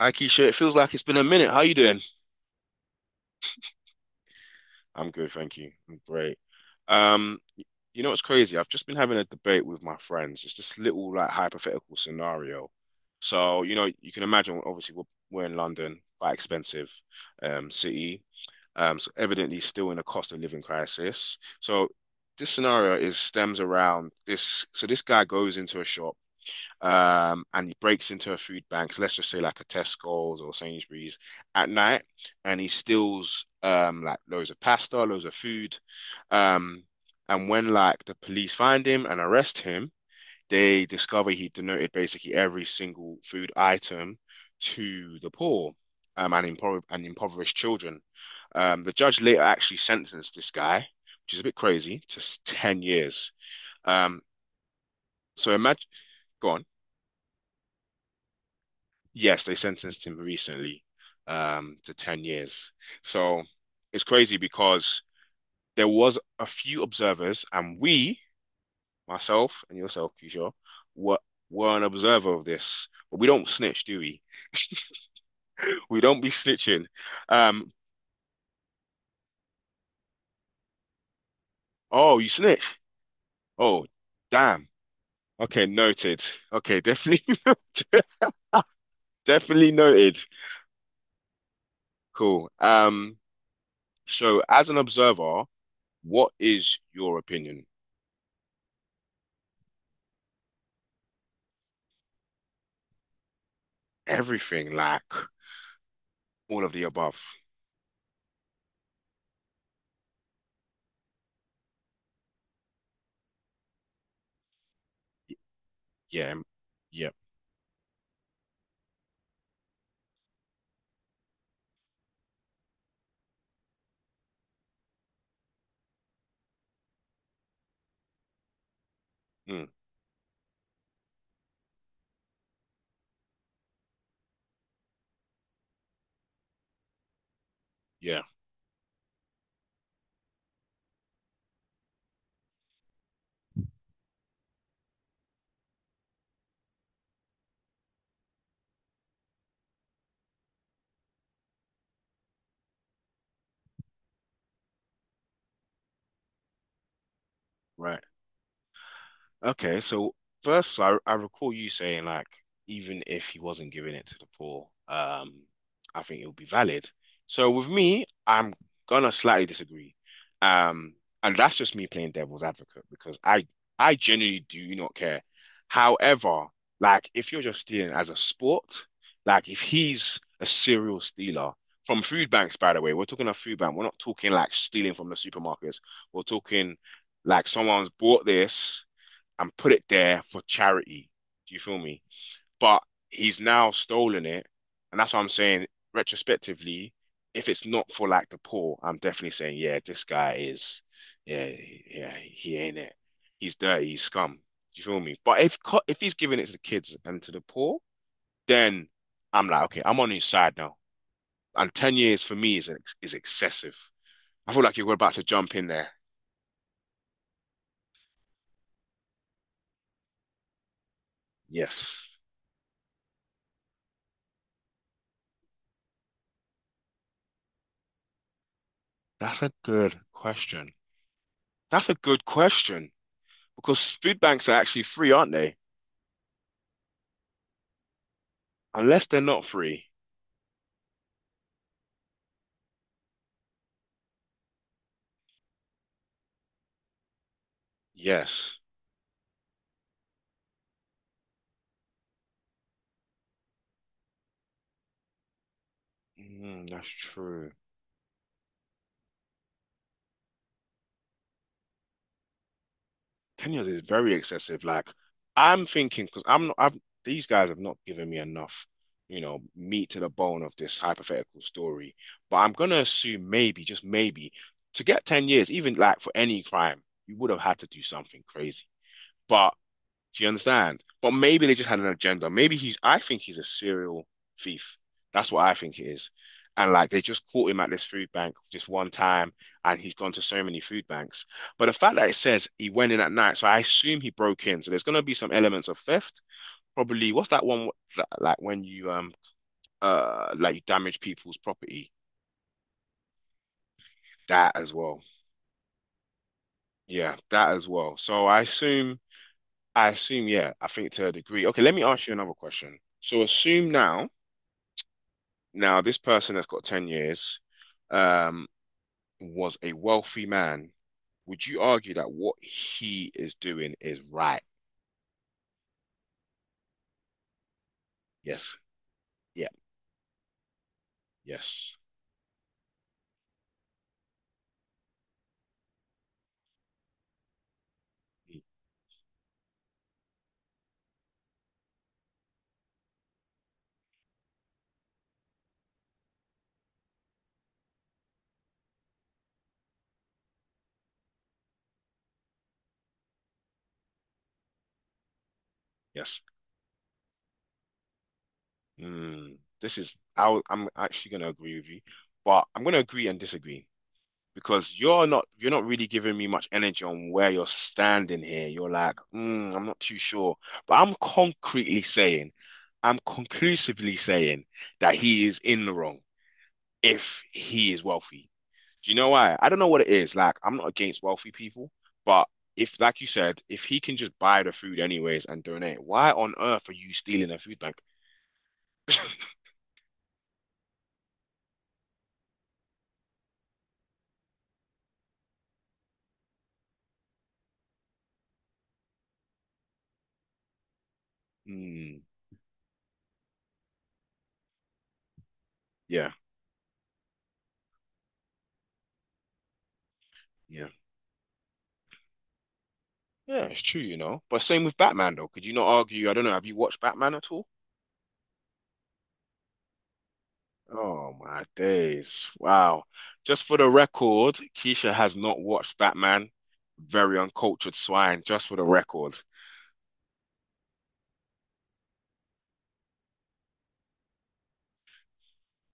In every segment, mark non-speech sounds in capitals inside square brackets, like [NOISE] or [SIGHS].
Hi, Keisha. It feels like it's been a minute. How you doing? I'm good, thank you. I'm great. Um, you know what's crazy? I've just been having a debate with my friends. It's this little like hypothetical scenario. So, you know, you can imagine obviously we're in London, quite expensive city. So evidently still in a cost of living crisis. So this scenario is stems around this. So this guy goes into a shop. And he breaks into a food bank, so let's just say like a Tesco's or Sainsbury's at night, and he steals like loads of pasta, loads of food. Um, and when like the police find him and arrest him, they discover he donated basically every single food item to the poor and, impoverished children. The judge later actually sentenced this guy, which is a bit crazy, to 10 years. Um, so imagine, go on. Yes, they sentenced him recently, to 10 years. So it's crazy because there was a few observers, and we, myself and yourself, Kishore, were were an observer of this. But we don't snitch, do we? We don't be snitching. Um, oh, you snitch? Oh, damn. Okay, noted. Okay, definitely [LAUGHS] definitely noted. Cool. So as an observer, what is your opinion? Everything, like all of the above. Yeah, yeah, mm, yeah, right. Okay, so first, I recall you saying like even if he wasn't giving it to the poor, I think it would be valid. So with me, I'm gonna slightly disagree, um, and that's just me playing devil's advocate because I genuinely do not care. However, like if you're just stealing as a sport, like if he's a serial stealer from food banks, by the way, we're talking a food bank. We're not talking like stealing from the supermarkets. We're talking like someone's bought this and put it there for charity. Do you feel me? But he's now stolen it, and that's what I'm saying. Retrospectively, if it's not for like the poor, I'm definitely saying, yeah, this guy is, yeah, yeah, he ain't it. He's dirty, he's scum. Do you feel me? But if he's giving it to the kids and to the poor, then I'm like, okay, I'm on his side now. And 10 years for me is excessive. I feel like you're about to jump in there. Yes, that's a good question. That's a good question. Because food banks are actually free, aren't they? Unless they're not free. Yes. Mm, that's true. 10 years is very excessive. Like, I'm thinking, because I'm not, I've, these guys have not given me enough, you know, meat to the bone of this hypothetical story. But I'm going to assume maybe, just maybe, to get 10 years, even like for any crime, you would have had to do something crazy. But do you understand? But maybe they just had an agenda. Maybe he's, I think he's a serial thief. That's what I think it is. And like they just caught him at this food bank just one time and he's gone to so many food banks. But the fact that it says he went in at night, so I assume he broke in. So there's going to be some elements of theft. Probably, what's that one that, like when you, like you damage people's property? That as well. Yeah, that as well. So I assume, yeah, I think to a degree. Okay, let me ask you another question. So assume now, this person that's got 10 years um, was a wealthy man. Would you argue that what he is doing is right? Yes. Yeah. Yes. Mm, yes. Mm. This is, I, I'm actually going to agree with you, but I'm going to agree and disagree because you're not really giving me much energy on where you're standing here. You're like, mm, I'm not too sure, but I'm conclusively saying that he is in the wrong. If he is wealthy. Do you know why? I don't know what it is. Like, I'm not against wealthy people, but if, like you said, if he can just buy the food anyways and donate, why on earth are you stealing a food bank? Hmm. Yeah, yeah, yeah. It's true, you know. But same with Batman, though. Could you not argue? I don't know. Have you watched Batman at all? Oh my days! Wow. Just for the record, Keisha has not watched Batman. Very uncultured swine. Just for the record.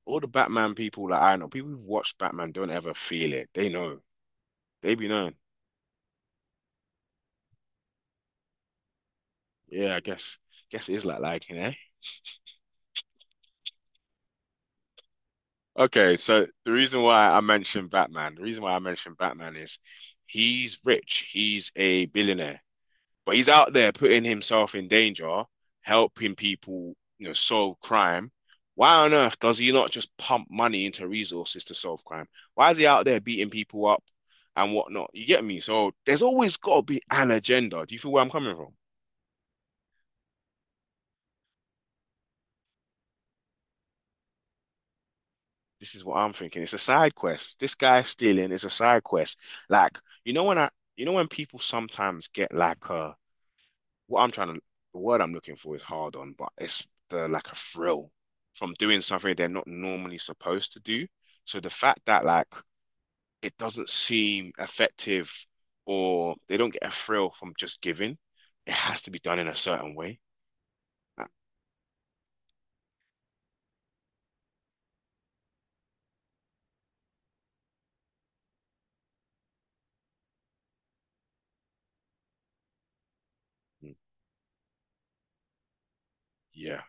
All the Batman people that I know, people who've watched Batman don't ever feel it. They know. They be knowing. Yeah, I guess guess it is like liking, eh? Okay, so the reason why I mentioned Batman is he's rich. He's a billionaire. But he's out there putting himself in danger, helping people, you know, solve crime. Why on earth does he not just pump money into resources to solve crime? Why is he out there beating people up and whatnot? You get me? So there's always got to be an agenda. Do you feel where I'm coming from? This is what I'm thinking. It's a side quest. This guy stealing is a side quest. Like, you know when I, you know when people sometimes get like a what I'm trying to, the word I'm looking for is hard on, but it's the like a thrill from doing something they're not normally supposed to do. So the fact that like it doesn't seem effective or they don't get a thrill from just giving, it has to be done in a certain way. Uh, mm, yeah,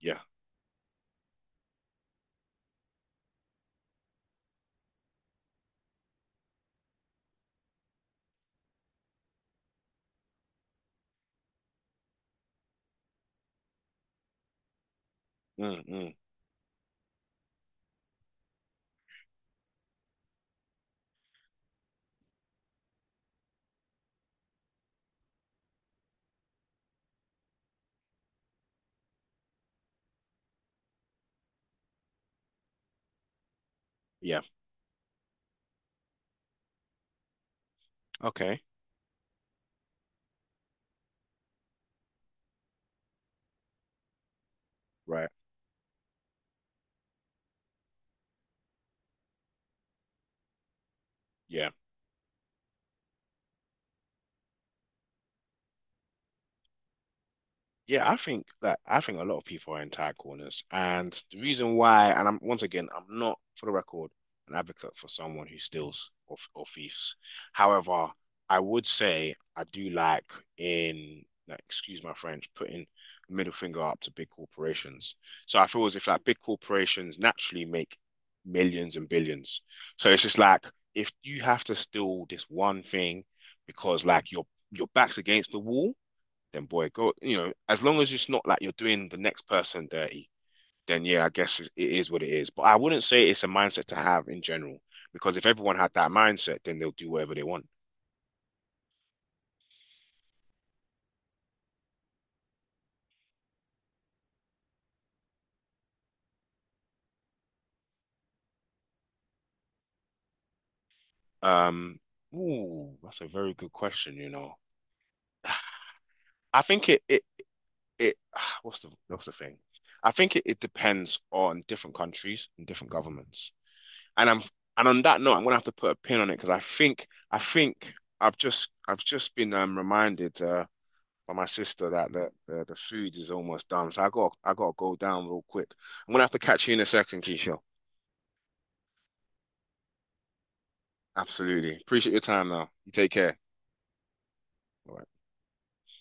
yeah, mm, mm, yeah. Okay, right. Yeah. Yeah, I think that I think a lot of people are in tight corners, and the reason why, and I'm once again, I'm not for the record an advocate for someone who steals or thieves. However, I would say I do like in, like, excuse my French, putting the middle finger up to big corporations. So I feel as if like big corporations naturally make millions and billions. So it's just like if you have to steal this one thing because like your back's against the wall then boy, go. You know, as long as it's not like you're doing the next person dirty, then yeah, I guess it is what it is. But I wouldn't say it's a mindset to have in general, because if everyone had that mindset, then they'll do whatever they want. Um, Ooh, that's a very good question, you know. I think it [SIGHS] what's the thing? I think it depends on different countries and different governments. And I'm and on that note, I'm gonna have to put a pin on it because I think I've just been reminded by my sister that the food is almost done. So I got to go down real quick. I'm gonna have to catch you in a second, Keisha. Absolutely. Appreciate your time now. You take care. Bye.